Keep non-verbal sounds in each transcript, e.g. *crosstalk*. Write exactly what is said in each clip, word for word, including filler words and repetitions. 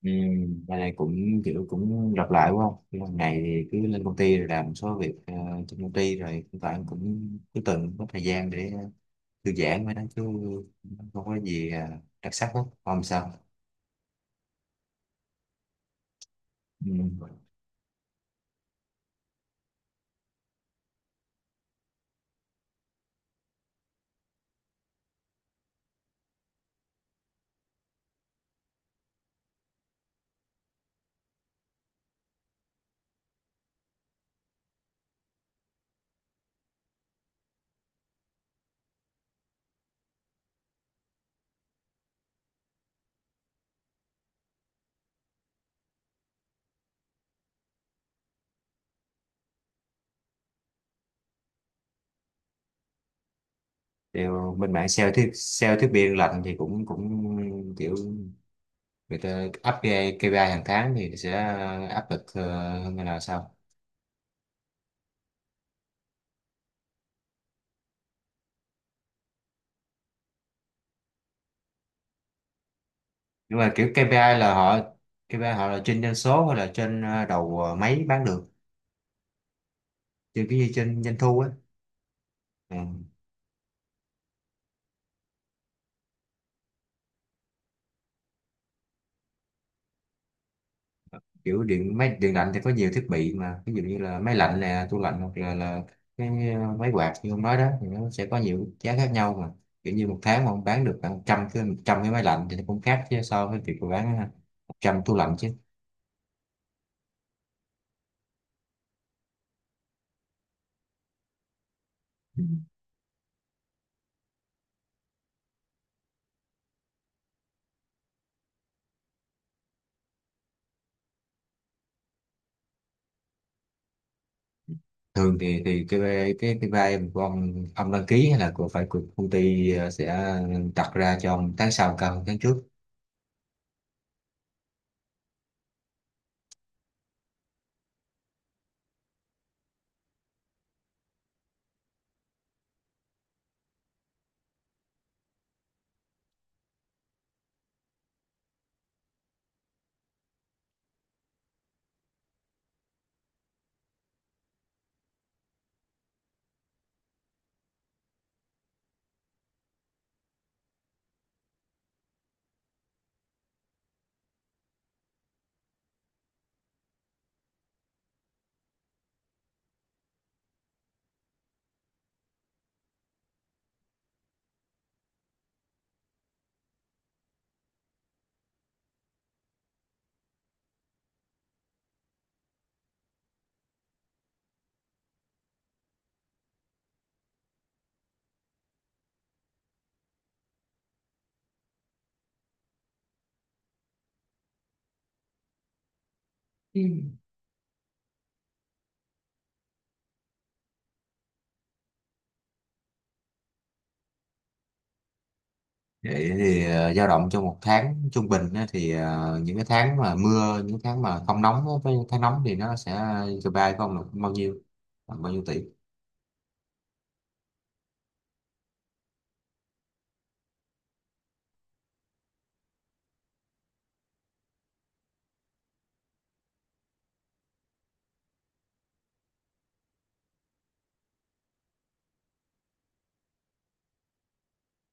Ừ, bên này cũng kiểu cũng lặp lại quá không? Cái lần này thì cứ lên công ty rồi làm một số việc ờ, trên công ty, rồi hiện tại em cũng cứ từng có thời gian để thư giãn với đó chứ không có gì ờ, đặc sắc hết, không sao. Ừ. Điều bên mạng sale thiết sale thiết bị lạnh thì cũng cũng kiểu người ta áp cái ca pê i hàng tháng thì sẽ áp lực ờ, hơn là sao? Nhưng mà kiểu kây pi ai là họ, kây pi ai họ là trên doanh số, hay là trên ờ, đầu ờ, máy bán được, trên cái trên doanh thu á. Ừ. Kiểu điện máy điện lạnh thì có nhiều thiết bị mà, ví dụ như là máy lạnh nè, tủ lạnh, hoặc là là cái uh, máy quạt như ông nói đó thì nó sẽ có nhiều giá khác nhau mà. Kiểu như một tháng mà ông bán được khoảng trăm cái một trăm cái máy lạnh thì nó cũng khác chứ, so với việc mà bán uh, một trăm tủ lạnh chứ. Ừ. Thường thì thì cái cái cái vai của ông ông đăng ký, hay là của, phải của công ty ờ, sẽ uh, đặt ra cho ông tháng sau cao hơn tháng trước? Ừ. Vậy thì ờ, dao động trong một tháng trung bình á, thì ờ, những cái tháng mà mưa, những tháng mà không nóng á, với tháng nóng thì nó sẽ cho bay của ông là bao nhiêu, khoảng bao nhiêu tỷ?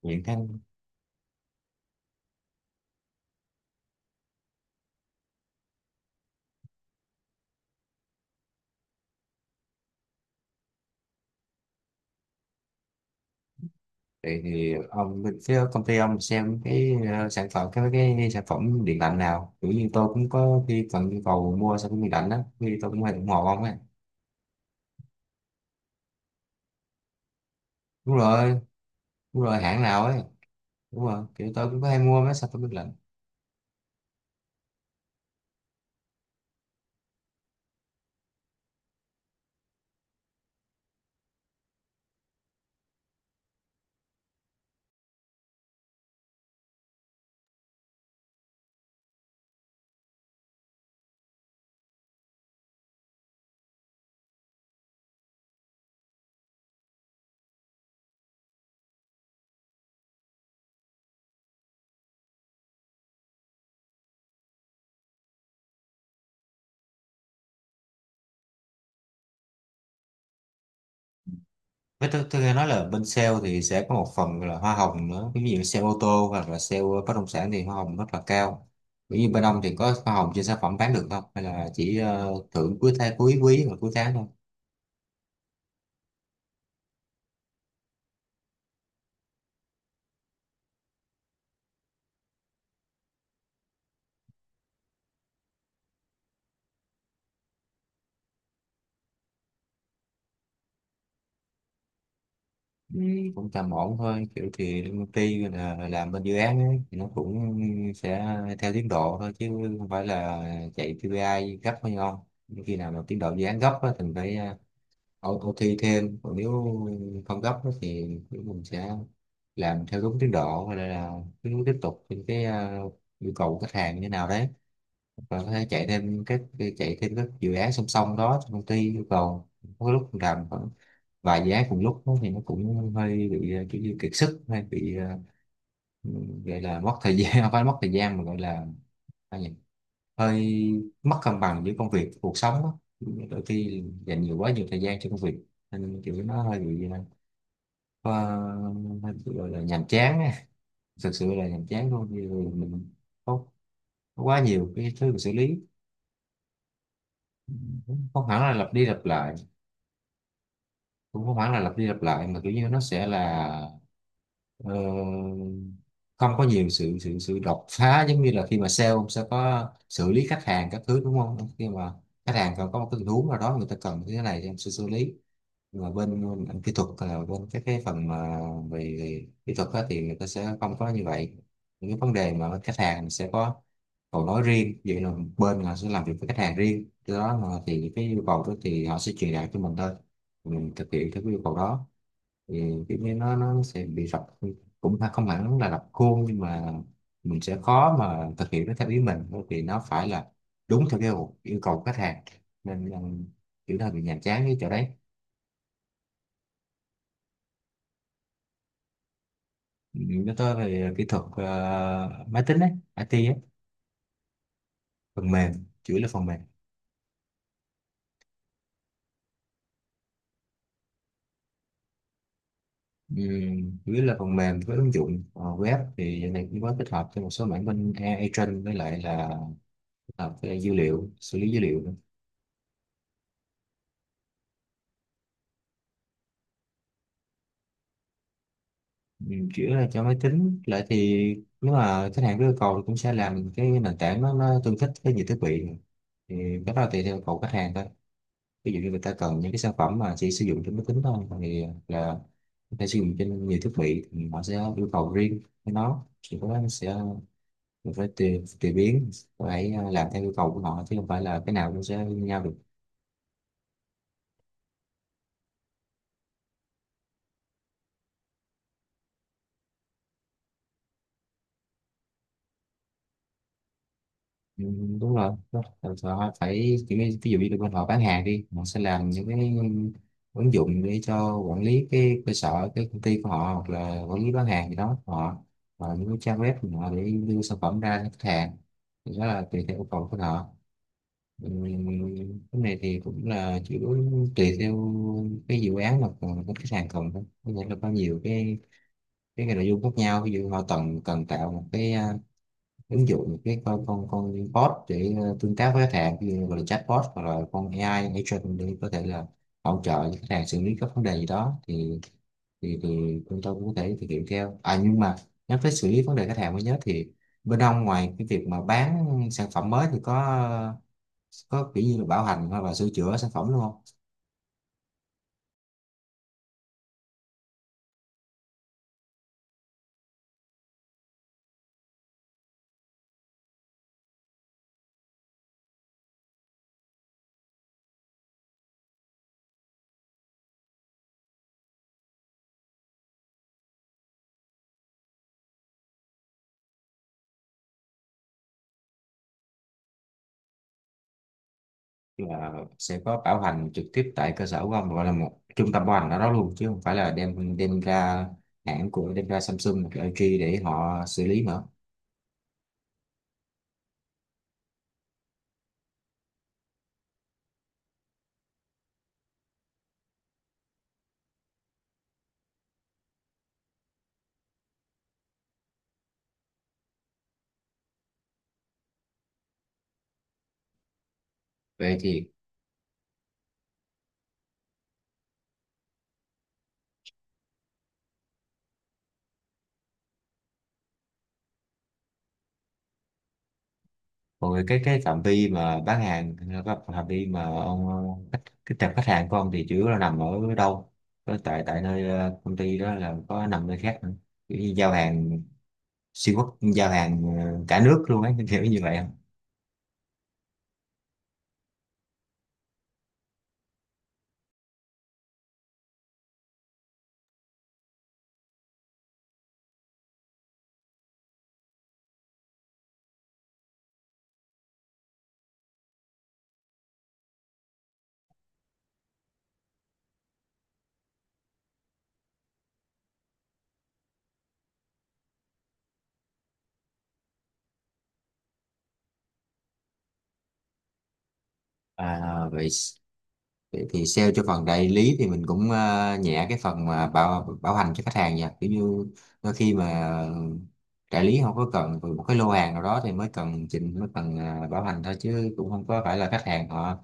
Những tháng. Vậy thì ông bên phía công ty ông xem cái ờ, sản phẩm, cái cái sản phẩm điện lạnh nào? Kiểu như tôi cũng có khi cần nhu cầu mua sản phẩm điện lạnh đó, khi tôi cũng hay ủng hộ ông ấy. Đúng rồi, đúng rồi, hãng nào ấy, đúng rồi. Kiểu tôi cũng có hay mua mấy sản phẩm điện lạnh. Với tôi, tôi nghe nói là bên sale thì sẽ có một phần là hoa hồng nữa. Ví dụ sale ô tô, hoặc là sale bất động sản thì hoa hồng rất là cao. Ví dụ bên ông thì có hoa hồng trên sản phẩm bán được không? Hay là chỉ ờ, thưởng cuối tháng, cuối quý và cuối tháng thôi? Ừ. Cũng tầm ổn thôi. Kiểu thì công ty là làm bên dự án ấy, thì nó cũng sẽ theo tiến độ thôi chứ không phải là chạy ca pê i gấp hay không. Khi nào mà tiến độ dự án gấp á, thì phải à, auto thi thêm, còn nếu không gấp á thì kiểu mình sẽ làm theo đúng tiến độ, hay là là cứ tiếp tục những cái à, yêu cầu của khách hàng như nào đấy, và có thể chạy thêm các chạy thêm các dự án song song đó trong công ty yêu cầu. Có lúc mình làm khoảng vài dự án cùng lúc đó thì nó cũng hơi bị à, kiểu như kiệt sức, hay bị à, gọi là mất thời gian, *laughs* không phải mất thời gian mà gọi là sao nhỉ? Hơi mất cân bằng giữa công việc và cuộc sống á. Đôi khi dành nhiều quá nhiều thời gian cho công việc nên kiểu nó hơi bị ờ, hơi bị gọi là nhàm chán á. Thực sự là nhàm chán luôn vì mình có có quá nhiều cái thứ phải xử lý. Không hẳn là lặp đi lặp lại, cũng không hẳn là lặp đi lặp lại, mà kiểu như nó sẽ là ờ, không có nhiều sự sự sự đột phá. Giống như là khi mà sale, ông sẽ có xử lý khách hàng các thứ, đúng không? Khi mà khách hàng còn có một cái tình huống nào đó, người ta cần cái này thì em sẽ xử lý. Nhưng mà bên bên kỹ thuật là bên cái cái phần mà về, về kỹ thuật á, thì người ta sẽ không có như vậy. Những cái vấn đề mà bên khách hàng sẽ có cầu nói riêng vậy, là bên họ sẽ làm việc với khách hàng riêng, do đó là thì cái yêu cầu đó thì họ sẽ truyền đạt cho mình thôi, mình thực hiện theo cái yêu cầu đó. Thì kiểu như nó nó sẽ bị rập, cũng không hẳn là rập khuôn, nhưng mà mình sẽ khó mà thực hiện nó theo ý mình, bởi vì nó phải là đúng theo cái yêu yêu cầu của khách hàng, nên là kiểu là bị nhàm chán cái chỗ đấy. Ừ, nói tới về kỹ thuật ờ, máy tính ấy, i tê ấy, phần mềm, chủ yếu là phần mềm. Ừm, chủ là phần mềm với ứng dụng. Ờ, web thì giờ này cũng có tích hợp cho một số mảng bên a i training, với lại là tích hợp với dữ liệu, xử lý dữ liệu nữa. Ừm, chủ yếu là cho máy tính, lại thì nếu mà khách hàng có yêu cầu thì cũng sẽ làm cái nền tảng nó, nó tương thích với nhiều thiết bị. Thì cái đó là tùy theo yêu cầu khách hàng thôi. Ví dụ như người ta cần những cái sản phẩm mà chỉ sử dụng trên máy tính thôi, thì là người ta sử dụng trên nhiều thiết bị thì họ sẽ yêu cầu riêng với nó, thì có nó sẽ mình phải tùy tùy biến, phải ờ, làm theo yêu cầu của họ, chứ không phải là cái nào cũng sẽ như nhau được. Ừ, đúng rồi, đúng rồi. Họ phải kiểu như, ví dụ như bên họ bán hàng đi, họ sẽ làm những cái ứng dụng để cho quản lý cái cơ sở, cái công ty của họ, hoặc là quản lý bán hàng gì đó của họ, và những cái trang web của họ để đưa sản phẩm ra cho khách hàng, thì đó là tùy theo yêu cầu của họ. Ừ, cái này thì cũng là chủ yếu tùy theo cái dự án mà còn cái khách hàng cần thôi, có nghĩa là có nhiều cái cái cái nội dung khác nhau. Ví dụ họ cần cần tạo một cái à, ứng dụng, một cái con con con bot để à, tương tác với khách hàng, ví dụ gọi là chatbot, hoặc là con a i agent để có thể là hỗ trợ cho khách hàng xử lý các vấn đề gì đó, thì thì thì chúng tôi cũng có thể thực hiện theo. À, nhưng mà nhắc tới xử lý vấn đề khách hàng mới nhớ, thì bên ông ngoài cái việc mà bán sản phẩm mới thì có có kiểu như là bảo hành, hoặc là sửa chữa sản phẩm luôn không? Là sẽ có bảo hành trực tiếp tại cơ sở của ông, gọi là một trung tâm bảo hành ở đó luôn, chứ không phải là đem đem ra hãng của, đem ra Samsung hoặc lờ giê để họ xử lý nữa? Vậy thì còn về cái cái phạm vi mà bán hàng, cái phạm vi mà ông khách, cái tệp khách hàng của ông thì chủ yếu là nằm ở đâu? Có tại tại nơi ờ, công ty đó, là có nằm nơi khác nữa? Kiểu như giao hàng xuyên quốc, giao hàng ờ, cả nước luôn ấy, *laughs* kiểu như vậy không? À, vậy. Vậy thì sale cho phần đại lý thì mình cũng ờ, nhẹ cái phần mà bảo bảo hành cho khách hàng nha. Kiểu như đôi khi mà đại lý không có cần một cái lô hàng nào đó thì mới cần chỉnh, mới cần ờ, bảo hành thôi, chứ cũng không có phải là khách hàng họ,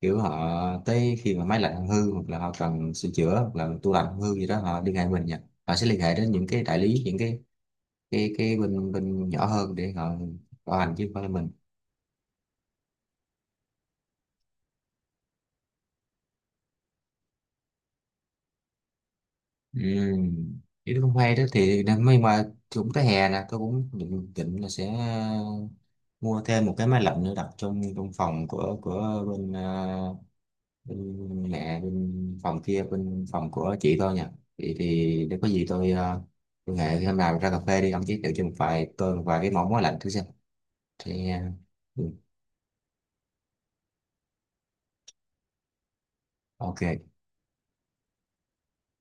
kiểu họ tới khi mà máy lạnh không hư hoặc là họ cần sửa chữa hoặc là tủ lạnh không hư gì đó họ liên hệ mình nha. Họ sẽ liên hệ đến những cái đại lý, những cái cái cái bên bên nhỏ hơn để họ bảo hành, chứ không phải là mình. Ừ. Ý không cũng hay đó thì nên- nhưng mà cũng tới hè nè, tôi cũng định, định là sẽ ờ, mua thêm một cái máy lạnh nữa đặt trong trong phòng của của bên, ờ, bên mẹ, bên phòng kia, bên phòng của chị tôi nha. Thì thì để có gì tôi ờ, tôi hẹn hôm nào ra cà phê đi, ông giới thiệu cho một vài tôi một vài cái món máy lạnh thử xem. Thì ờ, ừ, ok.